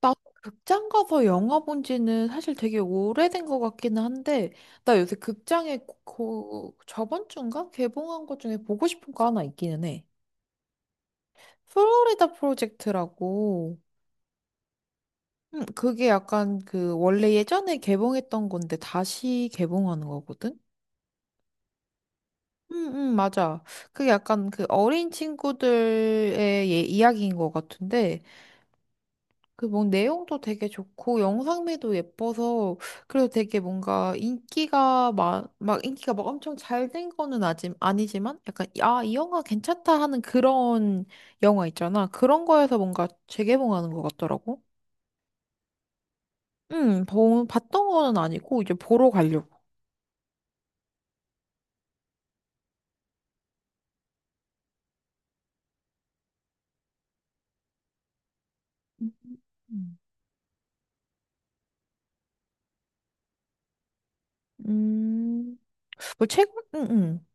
나 극장 가서 영화 본 지는 사실 되게 오래된 것 같기는 한데, 나 요새 극장에 그, 저번 주인가? 개봉한 것 중에 보고 싶은 거 하나 있기는 해. 플로리다 프로젝트라고, 그게 약간 그, 원래 예전에 개봉했던 건데 다시 개봉하는 거거든? 응, 응, 맞아. 그게 약간 그 어린 친구들의 이야기인 것 같은데, 그 뭐 내용도 되게 좋고 영상미도 예뻐서 그래서 되게 뭔가 인기가 막, 막 인기가 막 엄청 잘 된 거는 아직 아니지만 약간 아, 이 영화 괜찮다 하는 그런 영화 있잖아. 그런 거에서 뭔가 재개봉하는 것 같더라고. 응, 봤던 거는 아니고 이제 보러 가려고. 음, 음. 뭐 최근 응, 응.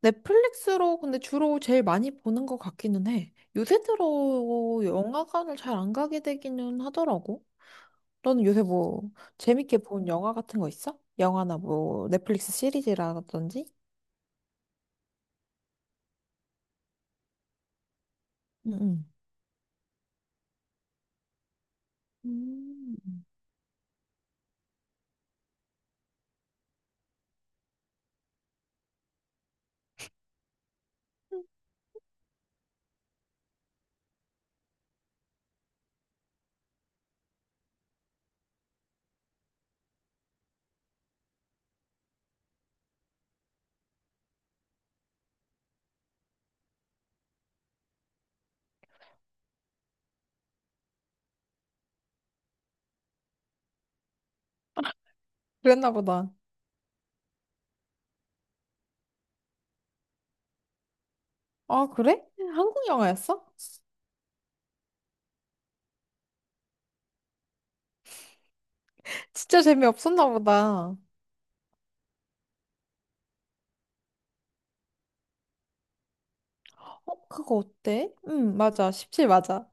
넷플릭스로 근데 주로 제일 많이 보는 것 같기는 해. 요새 들어 영화관을 잘 안 가게 되기는 하더라고. 너는 요새 뭐 재밌게 본 영화 같은 거 있어? 영화나 뭐 넷플릭스 시리즈라든지? 응응. 음. 그랬나 보다. 아, 그래? 한국 영화였어? 진짜 재미없었나 보다. 어, 그거 어때? 응, 맞아. 17 맞아.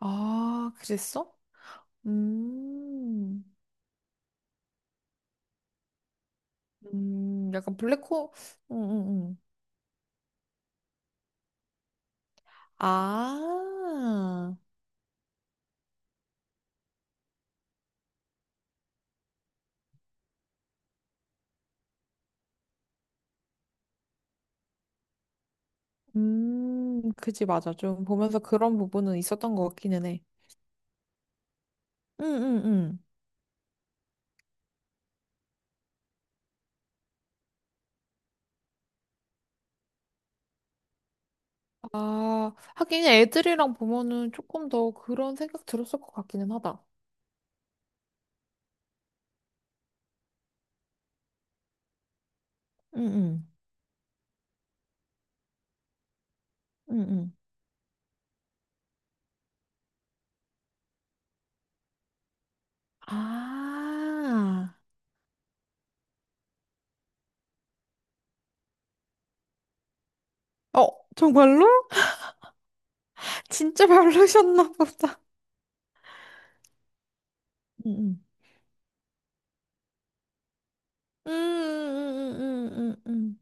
아, 그랬어? 음, 약간 응, 응, 응. 아, 그지, 맞아. 좀 보면서 그런 부분은 있었던 것 같기는 해. 응, 응, 응. 아, 하긴 애들이랑 보면은 조금 더 그런 생각 들었을 것 같기는 하다. 응응, 응응. 아, 어, 정말로? 진짜 별로셨나 보다. 응응. 음, 음, 음, 음, 음, 음.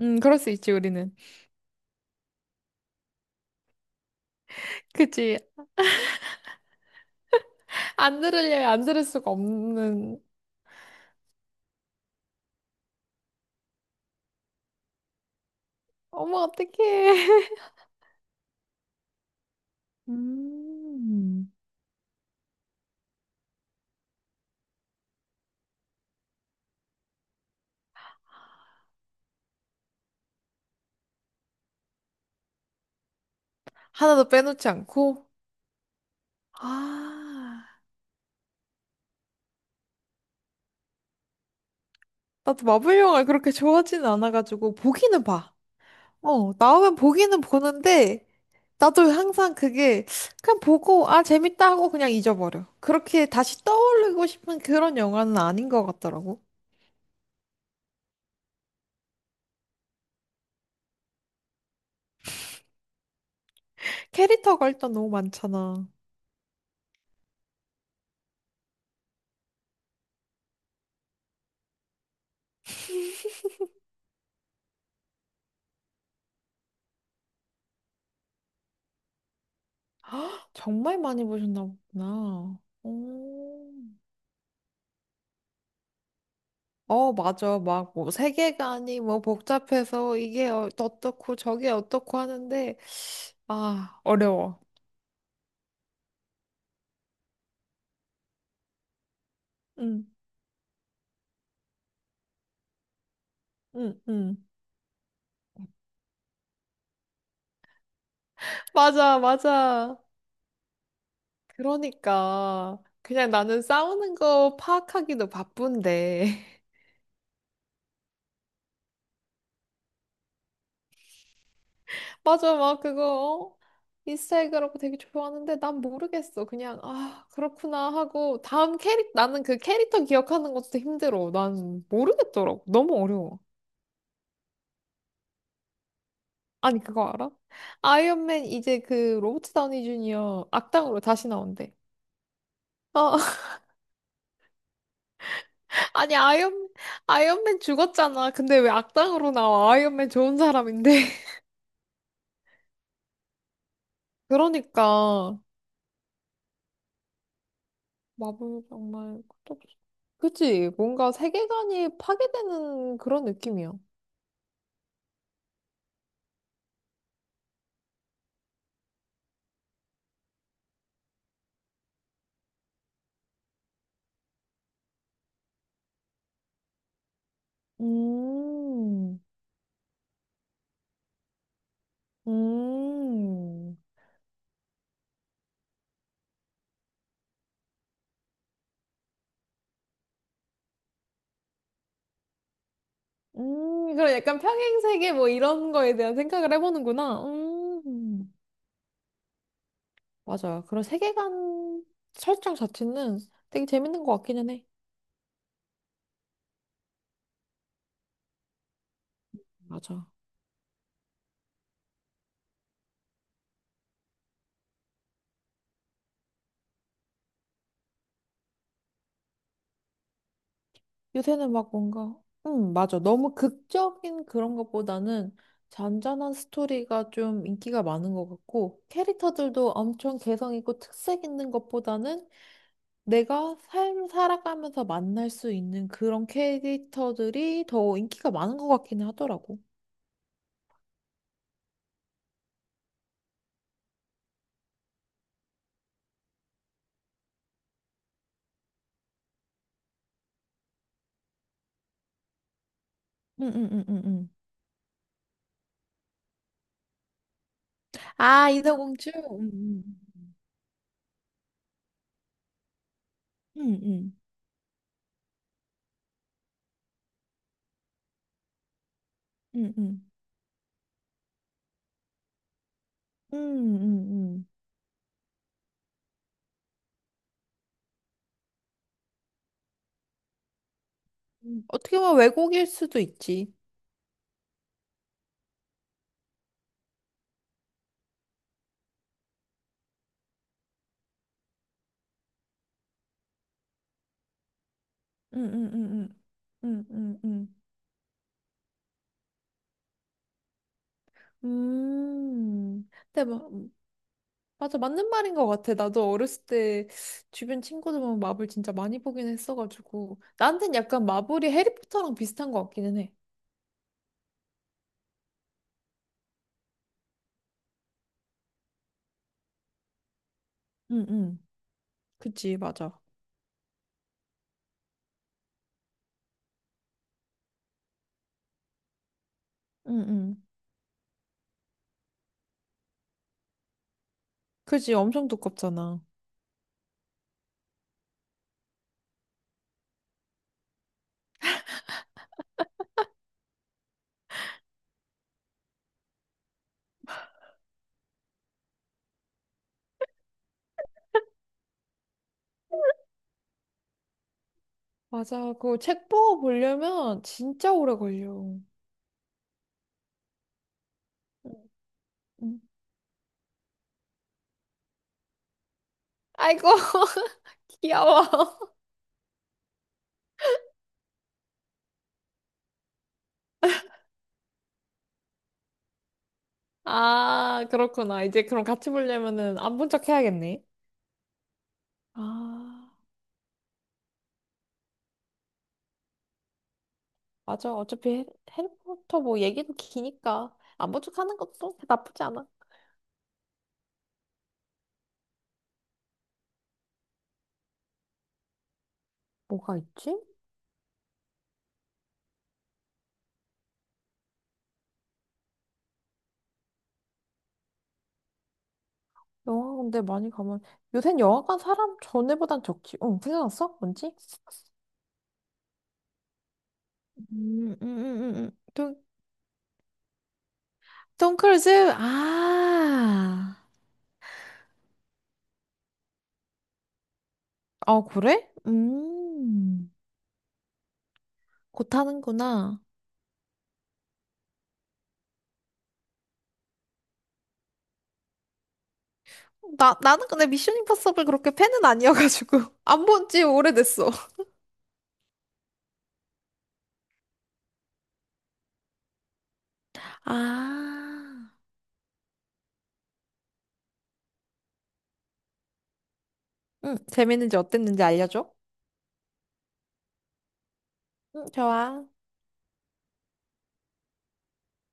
그럴 수 있지, 우리는. 그치. 안 들으려면 안 들을 수가 없는. 어머, 어떡해. 음. 하나도 빼놓지 않고. 아, 나도 마블 영화 그렇게 좋아하지는 않아가지고, 보기는 봐. 어, 나오면 보기는 보는데, 나도 항상 그게, 그냥 보고, 아, 재밌다 하고 그냥 잊어버려. 그렇게 다시 떠올리고 싶은 그런 영화는 아닌 것 같더라고. 캐릭터가 일단 너무 많잖아. 헉, 정말 많이 보셨나 보구나. 오. 어, 맞아. 막, 뭐, 세계관이 뭐 복잡해서 이게 어떻고 저게 어떻고 하는데, 아, 어려워. 응, 응, 응. 맞아, 맞아. 그러니까 그냥 나는 싸우는 거 파악하기도 바쁜데 맞아 막 그거 어? 이스터 에그라고 되게 좋아하는데 난 모르겠어 그냥 아 그렇구나 하고 다음 캐릭 나는 그 캐릭터 기억하는 것도 힘들어 난 모르겠더라고 너무 어려워 아니 그거 알아? 아이언맨 이제 그 로버트 다우니 주니어 악당으로 다시 나온대 어 아니 아이언맨 죽었잖아 근데 왜 악당으로 나와 아이언맨 좋은 사람인데 그러니까 마블 정말 끝도 없어. 그치? 뭔가 세계관이 파괴되는 그런 느낌이야. 음, 음, 그런 약간 평행세계 뭐 이런 거에 대한 생각을 해보는구나. 맞아. 그런 세계관 설정 자체는 되게 재밌는 것 같기는 해. 맞아. 요새는 막 뭔가, 맞아. 너무 극적인 그런 것보다는 잔잔한 스토리가 좀 인기가 많은 것 같고, 캐릭터들도 엄청 개성 있고 특색 있는 것보다는 내가 삶 살아가면서 만날 수 있는 그런 캐릭터들이 더 인기가 많은 것 같긴 하더라고. 응, 응, 응, 응, 응. 아, 인어공주? 응, 응, 응, 응, 응, 응, 응, 응. 응, 응. 어떻게 보면 왜곡일 수도 있지. 응, 응, 응, 응, 응, 응, 응. 근데 마, 맞아, 맞는 말인 것 같아. 나도 어렸을 때 주변 친구들 보면 마블 진짜 많이 보긴 했어가지고. 나한텐 약간 마블이 해리포터랑 비슷한 것 같기는 해. 응, 응. 그치, 맞아. 응, 응. 그지? 엄청 두껍잖아. 맞아. 그거 책 보고 보려면 진짜 오래 걸려. 응, 응. 아이고, 귀여워. 아, 그렇구나. 이제 그럼 같이 보려면은 안 본 척 해야겠네. 아. 맞아. 어차피 해리포터 뭐 얘기도 기니까 안 본 척 하는 것도 나쁘지 않아. 뭐가 있지? 영화 근데 많이 가면 요샌 영화관 사람 전에보단 적지. 응, 생각났어? 뭔지? 톰, 톰 크루즈? 아. 아, 그래? 음. 곧 하는구나. 나는 근데 미션 임파서블 그렇게 팬은 아니어가지고. 안 본지 오래됐어. 아. 응, 재밌는지 어땠는지 알려줘. 응, 좋아.